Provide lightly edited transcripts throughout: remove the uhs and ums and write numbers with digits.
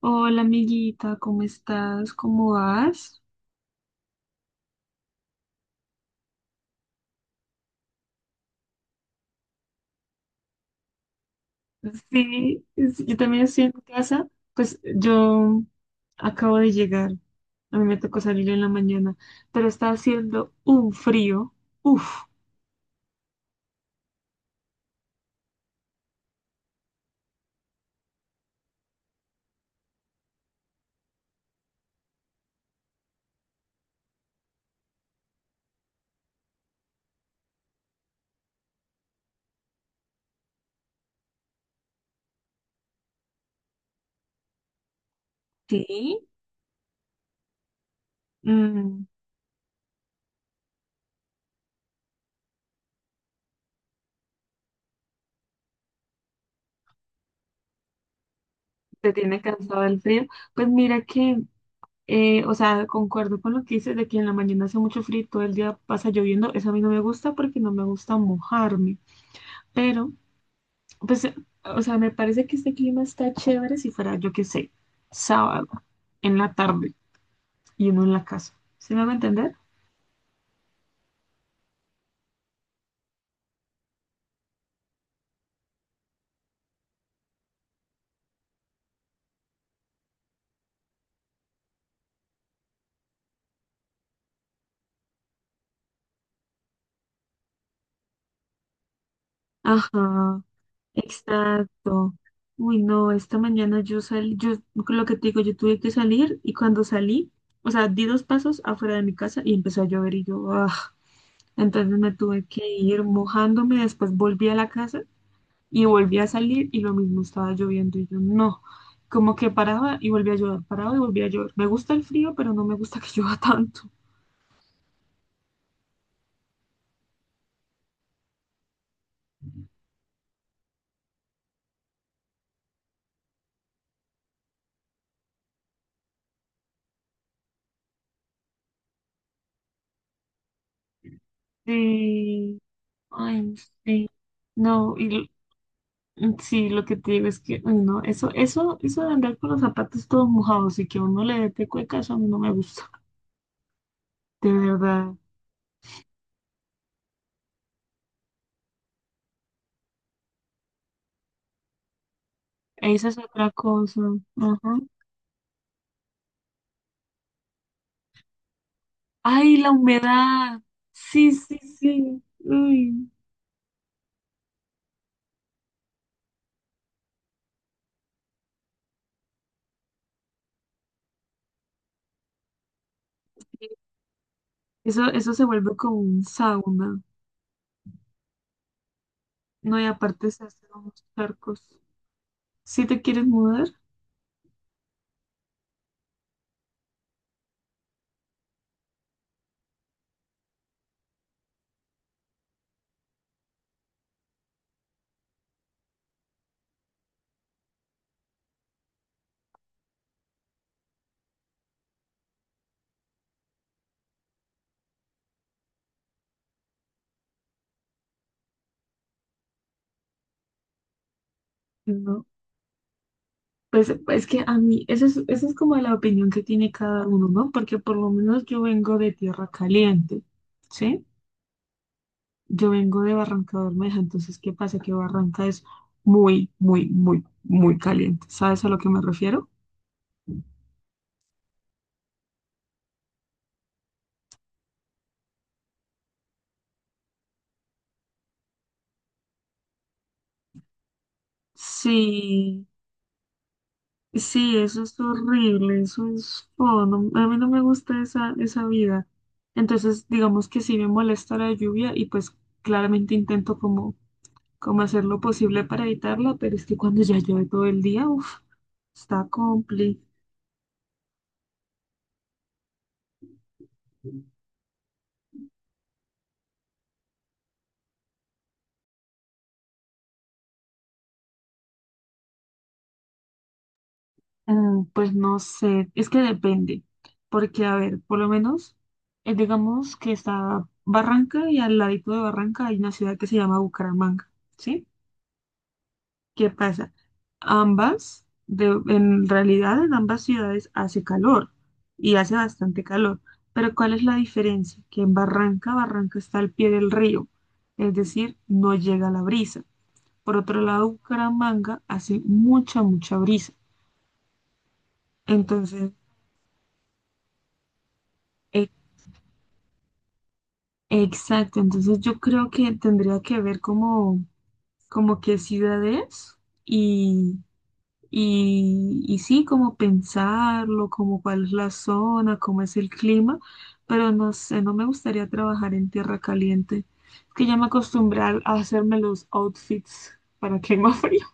Hola amiguita, ¿cómo estás? ¿Cómo vas? Sí, sí, yo también estoy en casa. Pues yo acabo de llegar. A mí me tocó salir en la mañana, pero está haciendo un frío. Uf, sí. Mm, ¿te tiene cansado el frío? Pues mira que, o sea, concuerdo con lo que dices de que en la mañana hace mucho frío, y todo el día pasa lloviendo. Eso a mí no me gusta porque no me gusta mojarme. Pero pues, o sea, me parece que este clima está chévere si fuera, yo qué sé, sábado, en la tarde y uno en la casa. ¿Sí me va a entender? Ajá, exacto. Uy, no, esta mañana yo salí, yo con lo que te digo, yo tuve que salir y cuando salí, o sea, di dos pasos afuera de mi casa y empezó a llover y yo, ah, entonces me tuve que ir mojándome, después volví a la casa. Y volví a salir y lo mismo estaba lloviendo y yo no, como que paraba y volví a llover, paraba y volví a llover. Me gusta el frío, pero no me gusta que llueva tanto. Sí, ay, sí. No, mm, sí, lo que te digo es que, ay, no, eso de andar con los zapatos todos mojados y que a uno le dé cueca, eso a mí no me gusta, de verdad. Esa es otra cosa. Ajá. Ay, la humedad. Sí, sí, sí. Uy. Eso se vuelve como un sauna. No, y aparte se hacen unos charcos. Si te quieres mudar, no. Pues es que a mí, esa es como la opinión que tiene cada uno, ¿no? Porque por lo menos yo vengo de tierra caliente, ¿sí? Yo vengo de Barranca Bermeja, entonces, ¿qué pasa? Que Barranca es muy, muy, muy, muy caliente. ¿Sabes a lo que me refiero? Sí. Sí, eso es horrible, eso es feo, a mí no me gusta esa, esa vida. Entonces, digamos que sí me molesta la lluvia y pues claramente intento como, como hacer lo posible para evitarla, pero es que cuando ya llueve todo el día, uff, está complicado. Mm, pues no sé, es que depende, porque a ver, por lo menos, digamos que está Barranca y al ladito de Barranca hay una ciudad que se llama Bucaramanga, ¿sí? ¿Qué pasa? Ambas, en realidad en ambas ciudades hace calor y hace bastante calor, pero ¿cuál es la diferencia? Que en Barranca, Barranca está al pie del río, es decir, no llega la brisa. Por otro lado, Bucaramanga hace mucha, mucha brisa. Entonces, e- exacto, entonces yo creo que tendría que ver como, como qué ciudad es. Y sí, como pensarlo, como cuál es la zona, cómo es el clima, pero no sé, no me gustaría trabajar en tierra caliente. Es que ya me acostumbré a hacerme los outfits para clima frío.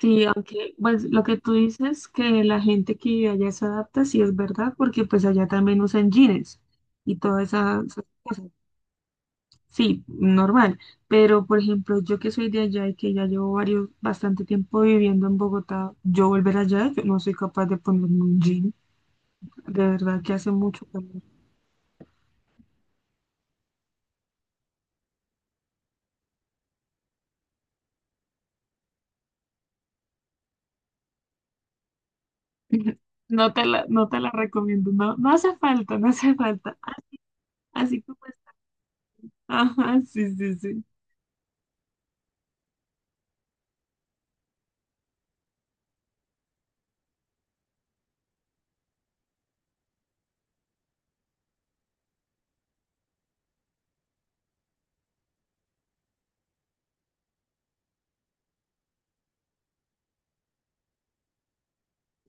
Sí, aunque pues lo que tú dices que la gente que vive allá se adapta, sí es verdad, porque pues allá también usan jeans y todas esas cosas. Sí, normal, pero por ejemplo, yo que soy de allá y que ya llevo varios, bastante tiempo viviendo en Bogotá, yo volver allá, yo no soy capaz de ponerme un jean, de verdad que hace mucho calor. No te la recomiendo, no, no hace falta, no hace falta, así como está. Ajá, sí, sí, sí.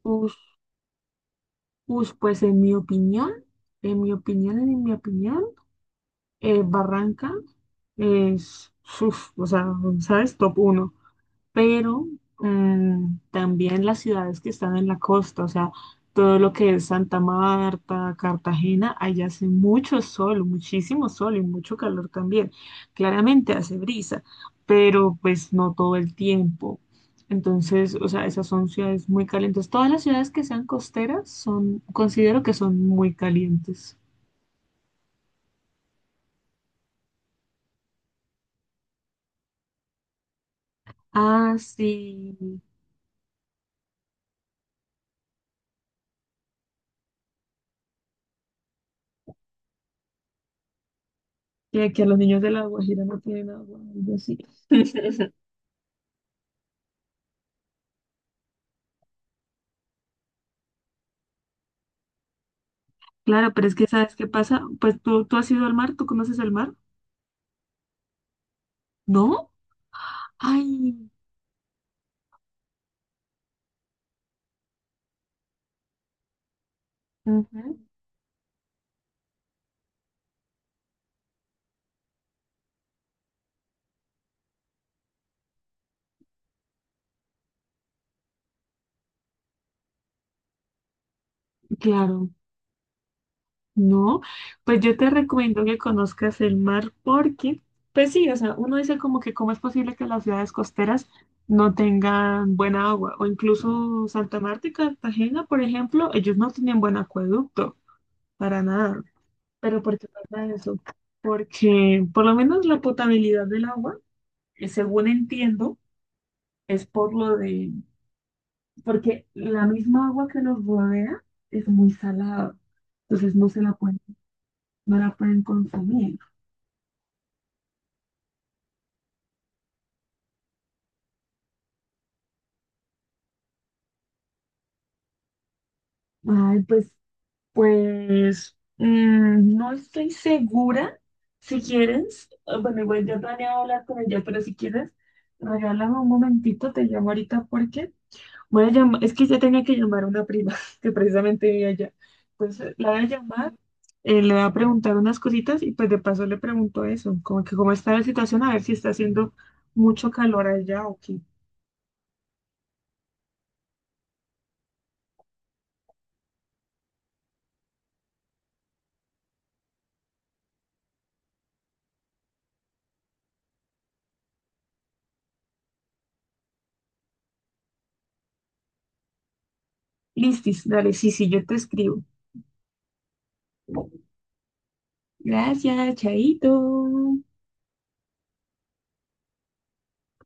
Ush, ush, pues en mi opinión, en mi opinión, en mi opinión, Barranca es, uf, o sea, ¿sabes? Top uno. Pero mm, también las ciudades que están en la costa, o sea, todo lo que es Santa Marta, Cartagena, allá hace mucho sol, muchísimo sol y mucho calor también. Claramente hace brisa, pero pues no todo el tiempo. Entonces, o sea, esas son ciudades muy calientes. Todas las ciudades que sean costeras son, considero que son muy calientes. Ah, sí. Y aquí a los niños de La Guajira no tienen agua, algo así. Claro, pero es que ¿sabes qué pasa? Pues tú has ido al mar, ¿tú conoces el mar? ¿No? Ay, ujú, claro, no. Pues yo te recomiendo que conozcas el mar porque, pues sí, o sea, uno dice como que cómo es posible que las ciudades costeras no tengan buena agua, o incluso Santa Marta y Cartagena, por ejemplo, ellos no tienen buen acueducto, para nada. Pero ¿por qué pasa eso? Porque por lo menos la potabilidad del agua, según entiendo, es por lo de... porque la misma agua que los rodea es muy salada, entonces no se la pueden, no la pueden consumir. Ay, pues, pues, mm, no estoy segura. Si quieres, bueno, igual yo planeaba hablar con ella, pero si quieres, regálame un momentito, te llamo ahorita porque voy a llamar, es que ya tenía que llamar a una prima que precisamente vive allá. Entonces la voy a llamar, le voy a preguntar unas cositas y pues de paso le pregunto eso, como que cómo está la situación, a ver si está haciendo mucho calor allá o qué. Listis, dale, sí, sí, yo te escribo. Gracias, chaito.